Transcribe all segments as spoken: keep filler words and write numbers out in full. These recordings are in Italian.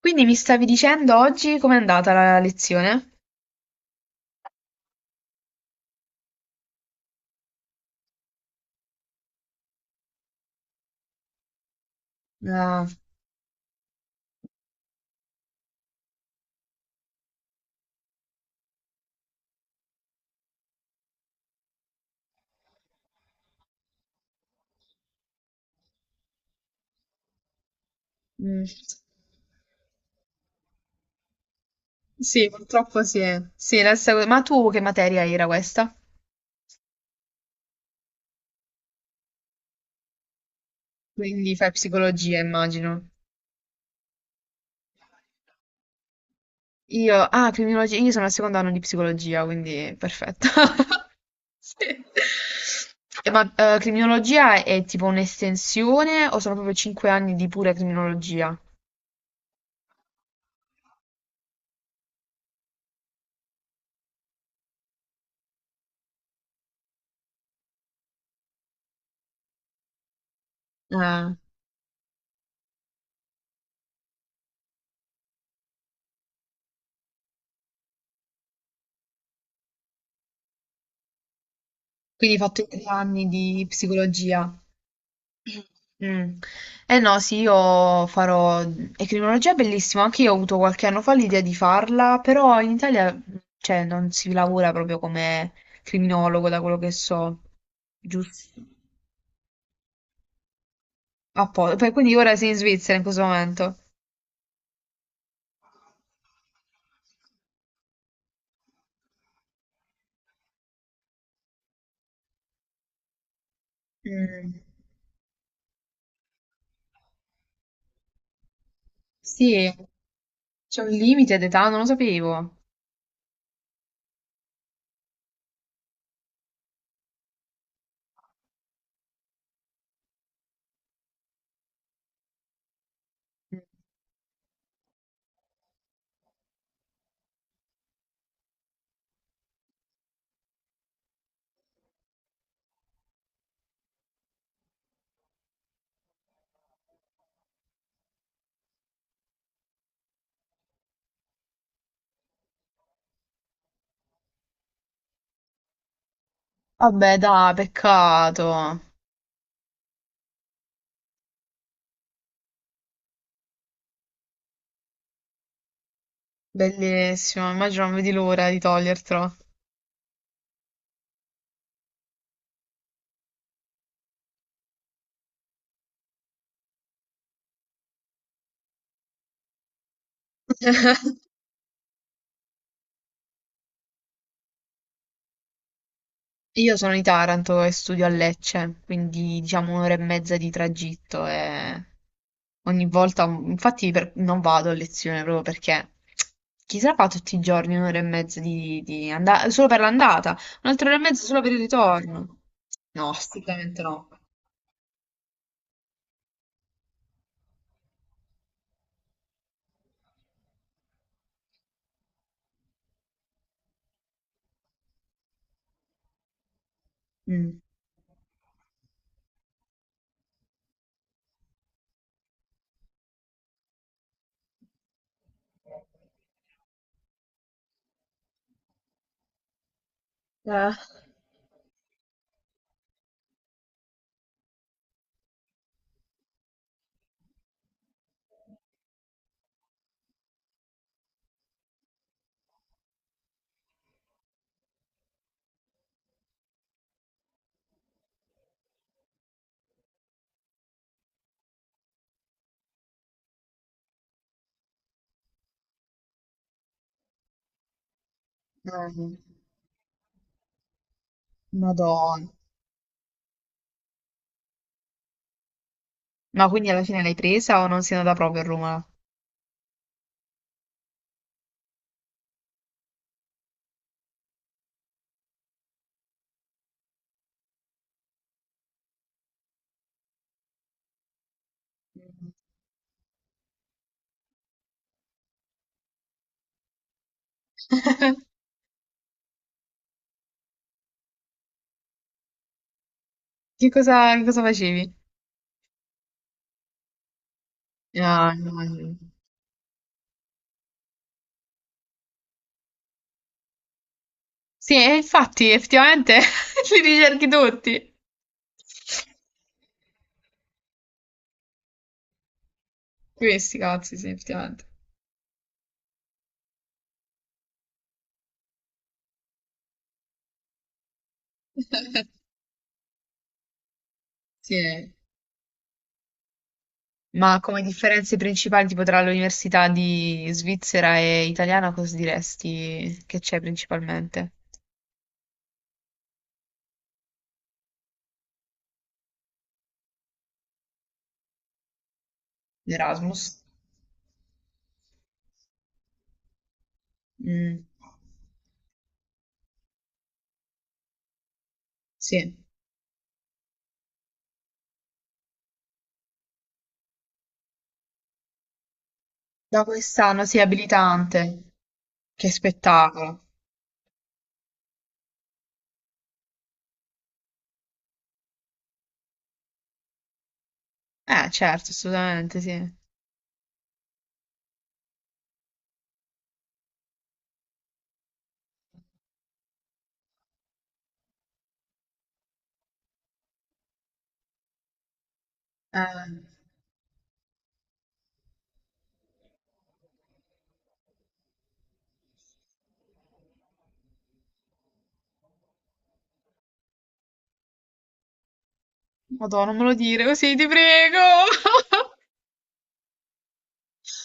Quindi mi stavi dicendo oggi com'è andata la lezione? Ah, mm. Sì, purtroppo sì. eh. Sì, la stessa cosa. Ma tu che materia era questa? Quindi fai psicologia, immagino. Io, ah, criminologia, io sono al secondo anno di psicologia, quindi perfetto. Sì. E Ma eh, criminologia è tipo un'estensione o sono proprio cinque anni di pura criminologia? Ah, quindi hai fatto i tre anni di psicologia. Mm. Eh no, sì, io farò... E criminologia è bellissima, anche io ho avuto qualche anno fa l'idea di farla, però in Italia, cioè, non si lavora proprio come criminologo, da quello che so, giusto? A po- Poi, quindi ora sei in Svizzera in questo momento. Mm. Sì, c'è un limite d'età, non lo sapevo. Mm. Vabbè, dai, peccato. Bellissimo, immagino non vedi l'ora di togliertelo. Io sono di Taranto e studio a Lecce, quindi diciamo un'ora e mezza di tragitto e ogni volta, infatti per- non vado a lezione proprio perché chi se la fa tutti i giorni un'ora e mezza di, di andata, solo per l'andata, un'altra ora e mezza solo per il ritorno. No, assolutamente no. Mm. Eh. Mm. Madonna. Ma quindi alla fine l'hai presa o non sei andata proprio a Roma? Mm. Che cosa, che cosa facevi? Ah, no. no. Sì, e infatti, effettivamente li ricerchi tutti. Questi cazzi, sì, effettivamente. Sì. Ma come differenze principali, tipo tra l'università di Svizzera e italiana, cosa diresti che c'è principalmente? L'Erasmus. Mm, sì. Da quest'anno, sì, abilitante. Che spettacolo. Eh, certo, assolutamente, sì. Eh, Madonna, non me lo dire così, ti prego.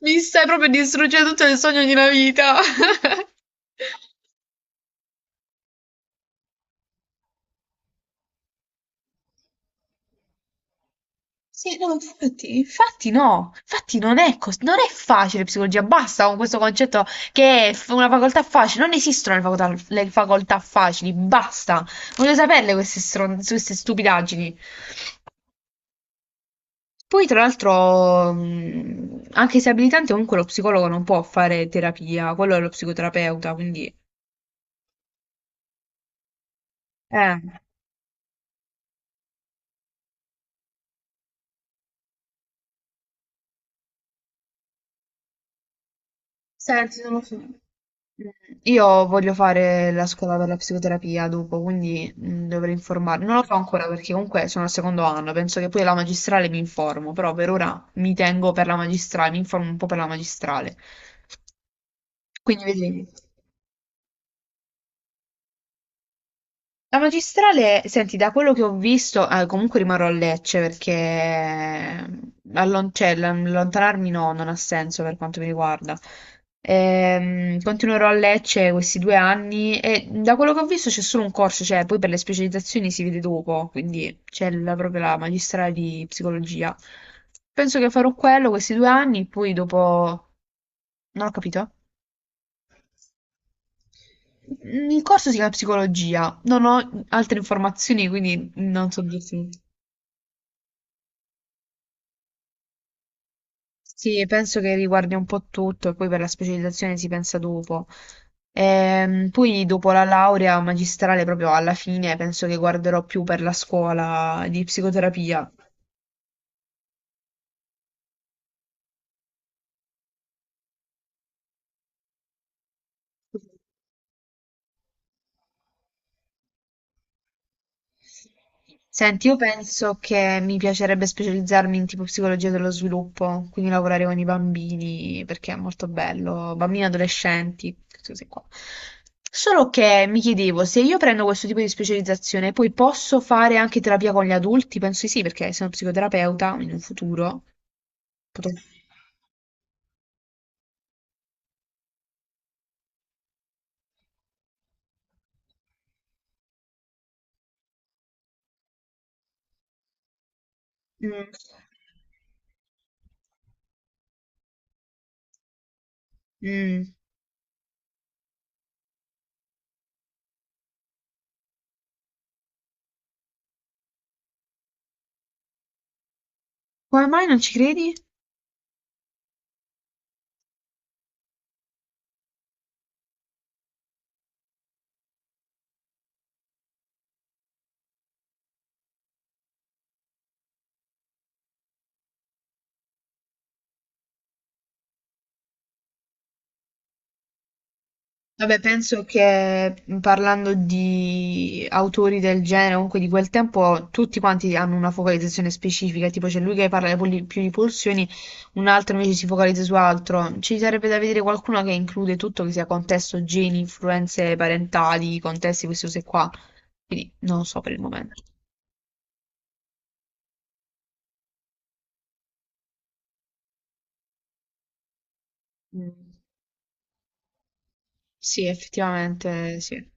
Mi stai proprio distruggendo tutto il sogno di una vita. Sì, no, infatti, infatti no, infatti non è, cos- non è facile psicologia, basta con questo concetto che è f- una facoltà facile, non esistono le facoltà, le facoltà facili, basta, voglio saperle queste, stron- queste stupidaggini. Poi tra l'altro, mh, anche se è abilitante, comunque lo psicologo non può fare terapia, quello è lo psicoterapeuta, quindi... Eh. Senti, non lo so. Mm, Io voglio fare la scuola per la psicoterapia dopo, quindi mh, dovrei informarmi. Non lo so ancora perché comunque sono al secondo anno, penso che poi alla magistrale mi informo, però per ora mi tengo per la magistrale, mi informo un po' per la magistrale. Quindi vedi. La magistrale, senti, da quello che ho visto, ah, comunque rimarrò a Lecce perché eh, allon- cioè, l- allontanarmi no, non ha senso per quanto mi riguarda. Ehm, continuerò a Lecce questi due anni e da quello che ho visto c'è solo un corso, cioè poi per le specializzazioni si vede dopo, quindi c'è la- proprio la magistrale di psicologia. Penso che farò quello questi due anni, poi dopo... Non ho capito. Mm, Il corso si chiama psicologia, non ho altre informazioni, quindi non so dirti. Sì, penso che riguardi un po' tutto e poi per la specializzazione si pensa dopo. Ehm, poi dopo la laurea magistrale, proprio alla fine, penso che guarderò più per la scuola di psicoterapia. Senti, io penso che mi piacerebbe specializzarmi in tipo psicologia dello sviluppo, quindi lavorare con i bambini, perché è molto bello, bambini e adolescenti, queste cose qua. Solo che mi chiedevo, se io prendo questo tipo di specializzazione, poi posso fare anche terapia con gli adulti? Penso di sì, perché sono psicoterapeuta in un futuro. potrò- Mm. Mm. Come mai non ci credi? Vabbè, penso che mh, parlando di autori del genere, comunque di quel tempo, tutti quanti hanno una focalizzazione specifica, tipo c'è lui che parla di poli- più di pulsioni, un altro invece si focalizza su altro. Ci sarebbe da vedere qualcuno che include tutto, che sia contesto, geni, influenze parentali, contesti, queste cose qua. Quindi non lo so per il momento. Mm. Sì, effettivamente sì.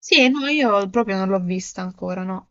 Sì, no, io proprio non l'ho vista ancora, no.